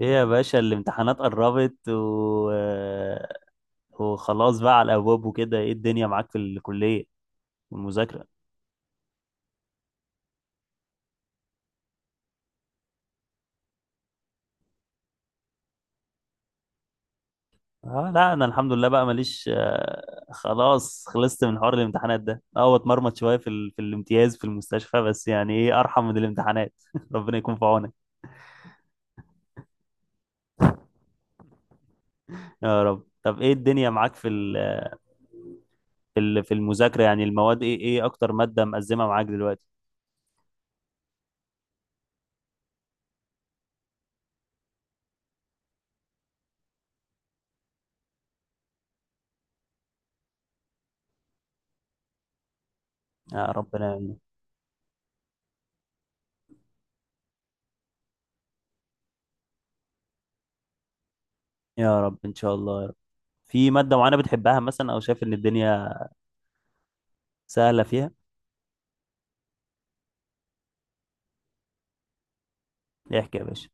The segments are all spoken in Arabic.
ايه يا باشا، الامتحانات قربت وخلاص بقى على الابواب وكده. ايه الدنيا معاك في الكليه والمذاكره؟ اه، لا انا الحمد لله بقى ماليش، خلاص خلصت من حوار الامتحانات ده، اتمرمط شويه في الامتياز في المستشفى، بس يعني ايه، ارحم من الامتحانات. ربنا يكون في عونك. يا رب. طب ايه الدنيا معاك في المذاكره؟ يعني المواد، ايه ايه اكتر ماده مأزمه معاك دلوقتي؟ يا ربنا يعينك. يا رب ان شاء الله يا رب. في ماده معينه بتحبها مثلا، او شايف ان الدنيا سهلة فيها؟ احكي يا باشا.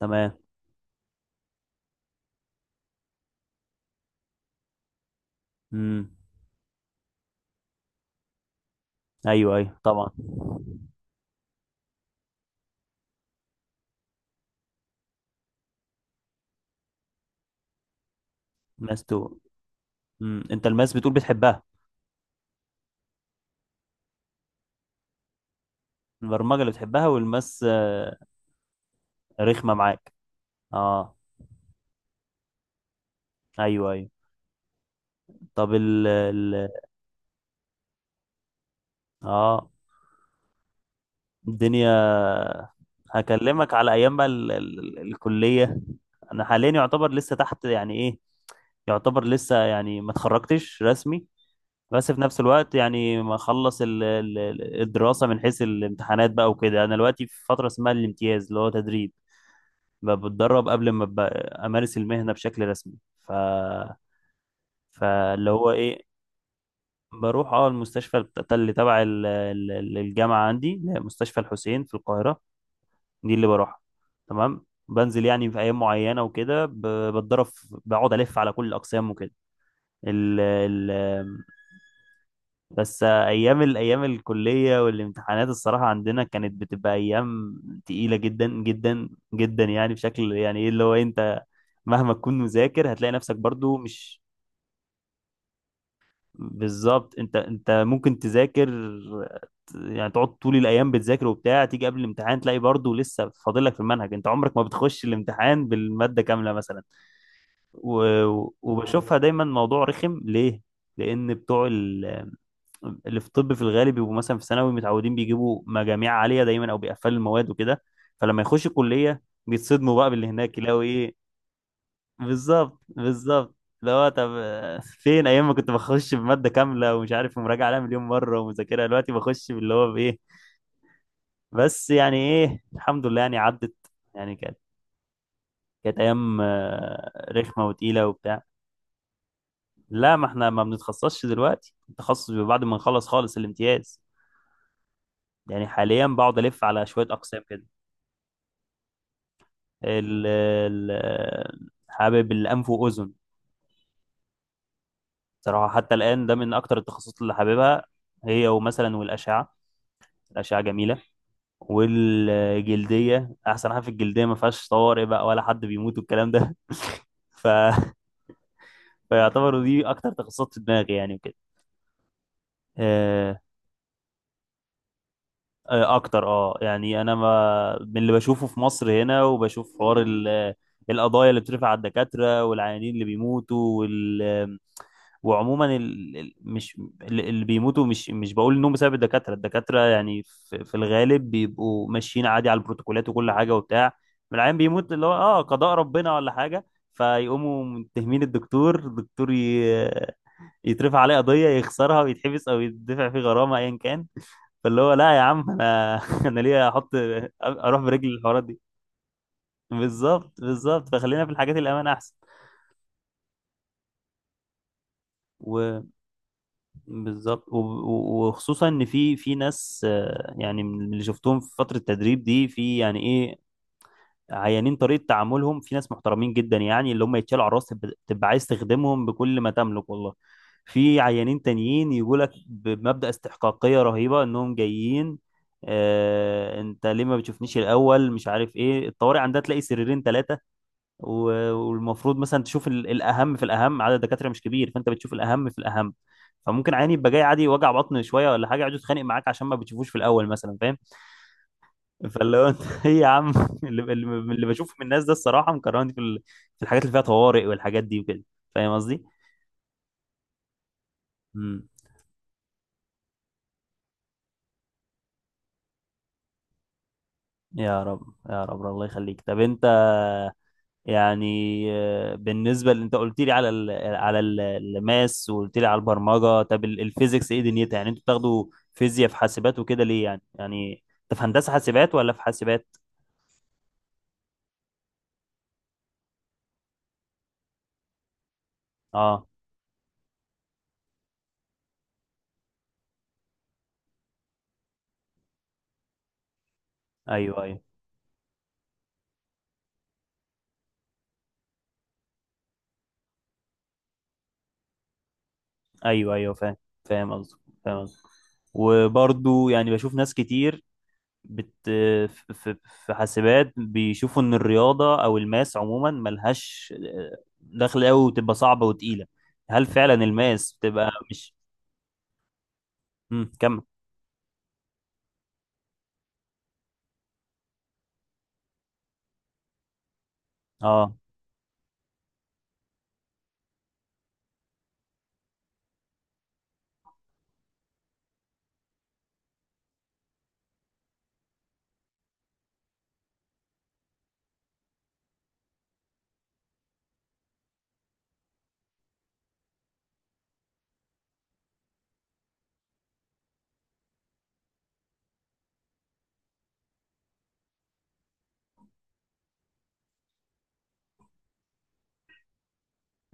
تمام. امم ايوه، ايوه، طبعا. ماس 2. انت الماس بتقول بتحبها؟ البرمجة اللي بتحبها، والماس رخمة معاك. اه. ايوه، ايوه. طب ال ال اه الدنيا، هكلمك على ايام بقى ال ال ال الكلية. انا حاليا يعتبر لسه تحت، يعني ايه، يعتبر لسه يعني ما اتخرجتش رسمي. بس في نفس الوقت يعني ما اخلص الدراسه من حيث الامتحانات بقى وكده، انا دلوقتي في فتره اسمها الامتياز، اللي هو تدريب. بتدرب قبل ما امارس المهنه بشكل رسمي. ف فاللي هو ايه. بروح اه المستشفى اللي تبع الجامعه عندي، اللي هي مستشفى الحسين في القاهره، دي اللي بروحها. تمام. بنزل يعني في ايام معينه وكده، بتدرب بقعد الف على كل الاقسام وكده. ال- ال- بس ايام، الايام الكليه والامتحانات الصراحه عندنا كانت بتبقى ايام تقيله جدا جدا جدا، يعني بشكل يعني ايه، اللي هو انت مهما تكون مذاكر هتلاقي نفسك برضو مش... بالظبط. انت ممكن تذاكر، يعني تقعد طول الايام بتذاكر وبتاع، تيجي قبل الامتحان تلاقي برضو لسه فاضل لك في المنهج. انت عمرك ما بتخش الامتحان بالماده كامله مثلا. و... وبشوفها دايما موضوع رخم. ليه؟ لان بتوع اللي في الطب في الغالب بيبقوا مثلا في ثانوي متعودين بيجيبوا مجاميع عاليه دايما، او بيقفلوا المواد وكده. فلما يخش الكليه بيتصدموا بقى باللي هناك، يلاقوا ايه. بالظبط، بالظبط. اللي هو طب فين ايام ما كنت بخش بماده كامله ومش عارف ومراجعه عليها مليون مره ومذاكرها، دلوقتي بخش باللي هو بايه. بس يعني ايه الحمد لله يعني عدت. يعني كانت ايام رخمه وتقيله وبتاع. لا، ما احنا ما بنتخصصش دلوقتي. التخصص بيبقى بعد ما نخلص خالص الامتياز. يعني حاليا بقعد الف على شويه اقسام كده. ال- حابب الأنف وأذن صراحة، حتى الآن ده من أكتر التخصصات اللي حاببها، هي ومثلا والأشعة. الأشعة جميلة. والجلدية، أحسن حاجة في الجلدية ما فيهاش طوارئ بقى ولا حد بيموت والكلام ده. ف... فيعتبروا دي أكتر تخصصات في دماغي يعني وكده. آه، أكتر، يعني أنا ما... من اللي بشوفه في مصر هنا، وبشوف حوار القضايا اللي بترفع على الدكاترة والعيانين اللي بيموتوا وعموما مش اللي بيموتوا مش بقول انهم بسبب الدكاتره. الدكاتره يعني في الغالب بيبقوا ماشيين عادي على البروتوكولات وكل حاجه وبتاع. العيان بيموت، اللي هو قضاء ربنا ولا حاجه. فيقوموا متهمين الدكتور. يترفع عليه قضيه، يخسرها ويتحبس او يدفع فيه غرامه، ايا كان. فاللي هو لا يا عم، انا انا ليه احط، اروح برجلي الحوارات دي. بالظبط، بالظبط. فخلينا في الحاجات الامان احسن. و... بالظبط. وخصوصا ان في ناس يعني من اللي شفتهم في فتره التدريب دي، في يعني ايه، عيانين طريقه تعاملهم، في ناس محترمين جدا يعني اللي هم يتشالوا على الراس، تبقى عايز تخدمهم بكل ما تملك والله. في عيانين تانيين يقول لك بمبدأ استحقاقيه رهيبه انهم جايين. آه انت ليه ما بتشوفنيش الاول، مش عارف ايه. الطوارئ عندها تلاقي سريرين، ثلاثه. والمفروض مثلا تشوف الاهم في الاهم. عدد الدكاتره مش كبير، فانت بتشوف الاهم في الاهم. فممكن عيني يبقى جاي عادي، وجع بطن شويه ولا حاجه، يقعد يتخانق معاك عشان ما بتشوفوش في الاول مثلا، فاهم. فاللي هو انت ايه يا عم. اللي, اللي اللي بشوفه من الناس ده الصراحه مكرهني في الحاجات اللي فيها طوارئ والحاجات دي وكده. فاهم قصدي؟ امم يا رب، يا رب، الله يخليك. طب انت يعني بالنسبه اللي انت قلت لي على الماس، وقلت لي على البرمجه، طب الفيزيكس ايه دنيتها؟ يعني انتوا بتاخدوا فيزياء في حاسبات وكده ليه يعني؟ يعني انت في هندسه حاسبات ولا في حاسبات؟ اه، ايوه، ايوه، ايوه، ايوه، فاهم. فاهم قصدك، فاهم قصدك. وبرضو يعني بشوف ناس كتير بت في في في حاسبات بيشوفوا ان الرياضه او الماس عموما ملهاش دخل قوي وتبقى صعبه وتقيله. هل فعلا الماس بتبقى مش... مم، كمل. اه،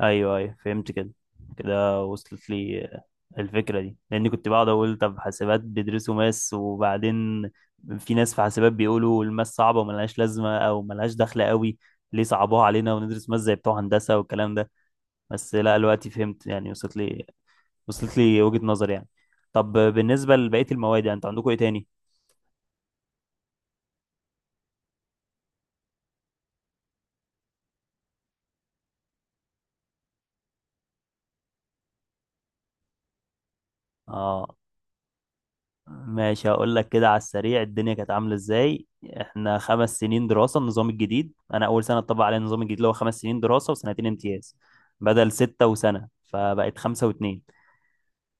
ايوه، ايوه فهمت كده. كده وصلت لي الفكره دي، لاني كنت بقعد اقول طب حاسبات بيدرسوا ماس، وبعدين في ناس في حاسبات بيقولوا الماس صعبه وملهاش لازمه او ملهاش دخل قوي، ليه صعبوها علينا وندرس ماس زي بتوع هندسه والكلام ده. بس لا دلوقتي فهمت يعني، وصلت لي، وجهه نظر يعني. طب بالنسبه لبقيه المواد، يعني انتوا عندكم ايه تاني؟ اه ماشي، هقول لك كده على السريع الدنيا كانت عامله ازاي. احنا 5 سنين دراسه النظام الجديد، انا اول سنه اتطبق علينا النظام الجديد، اللي هو 5 سنين دراسه وسنتين امتياز، بدل سته وسنه. فبقت 5 و2.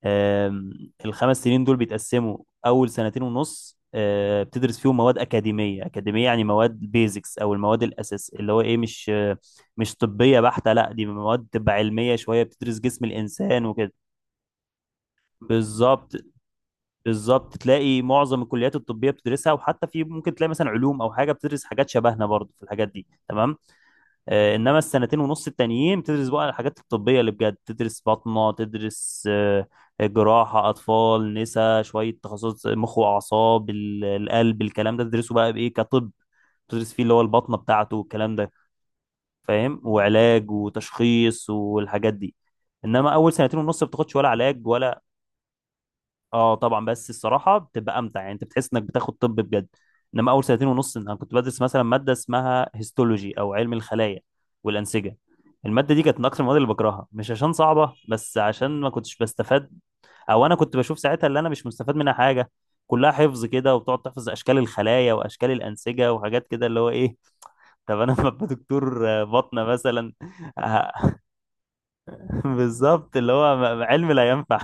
أم، الخمس سنين دول بيتقسموا. اول سنتين ونص بتدرس فيهم مواد اكاديميه. يعني مواد بيزكس او المواد الاساس، اللي هو ايه، مش طبيه بحته. لا دي مواد تبقى علميه شويه، بتدرس جسم الانسان وكده. بالظبط، بالظبط. تلاقي معظم الكليات الطبيه بتدرسها، وحتى في ممكن تلاقي مثلا علوم او حاجه بتدرس حاجات شبهنا برضه في الحاجات دي، تمام. انما السنتين ونص التانيين بتدرس بقى الحاجات الطبيه اللي بجد، تدرس باطنه، تدرس جراحه، اطفال، نسا، شويه تخصصات، مخ واعصاب، القلب، الكلام ده تدرسه بقى بايه كطب. تدرس فيه اللي هو البطنه بتاعته والكلام ده، فاهم، وعلاج وتشخيص والحاجات دي. انما اول سنتين ونص ما بتاخدش ولا علاج ولا... اه طبعا، بس الصراحه بتبقى امتع، يعني انت بتحس انك بتاخد طب بجد. انما اول سنتين ونص انا كنت بدرس مثلا ماده اسمها هيستولوجي، او علم الخلايا والانسجه. الماده دي كانت من اكتر المواد اللي بكرهها، مش عشان صعبه بس عشان ما كنتش بستفاد، او انا كنت بشوف ساعتها اللي انا مش مستفاد منها حاجه. كلها حفظ كده، وبتقعد تحفظ اشكال الخلايا واشكال الانسجه وحاجات كده، اللي هو ايه طب انا لما ابقى دكتور بطنه مثلا. بالظبط، اللي هو علم لا ينفع.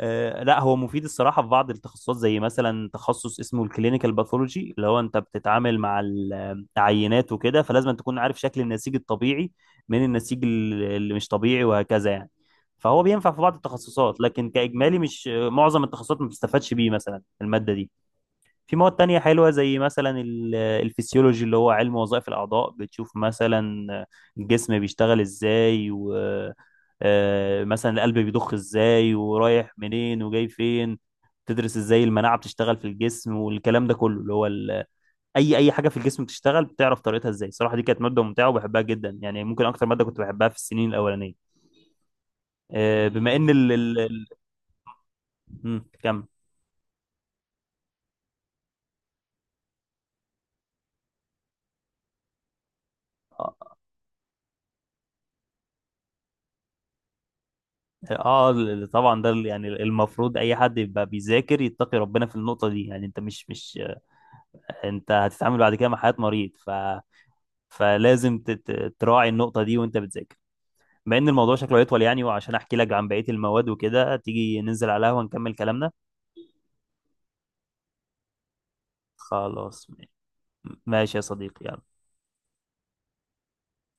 لا هو مفيد الصراحة في بعض التخصصات، زي مثلا تخصص اسمه الكلينيكال باثولوجي، اللي هو انت بتتعامل مع العينات وكده، فلازم تكون عارف شكل النسيج الطبيعي من النسيج اللي مش طبيعي، وهكذا يعني. فهو بينفع في بعض التخصصات، لكن كإجمالي مش معظم التخصصات ما بتستفادش بيه مثلا المادة دي. في مواد تانية حلوة، زي مثلا الفسيولوجي، اللي هو علم وظائف الأعضاء. بتشوف مثلا الجسم بيشتغل ازاي، و آه، مثلا القلب بيضخ ازاي، ورايح منين وجاي فين. تدرس ازاي المناعة بتشتغل في الجسم والكلام ده كله، اللي هو أي حاجة في الجسم بتشتغل بتعرف طريقتها ازاي. صراحة دي كانت مادة ممتعة وبحبها جدا يعني، ممكن أكتر مادة كنت بحبها في السنين الأولانية. بما إن مم، كمل. اه طبعا، ده يعني المفروض اي حد يبقى بيذاكر يتقي ربنا في النقطه دي. يعني انت مش انت هتتعامل بعد كده مع حياه مريض، فلازم تراعي النقطه دي وانت بتذاكر. بما ان الموضوع شكله يطول يعني، وعشان احكي لك عن بقيه المواد وكده، تيجي ننزل على القهوه نكمل كلامنا. خلاص. ماشي يا صديقي.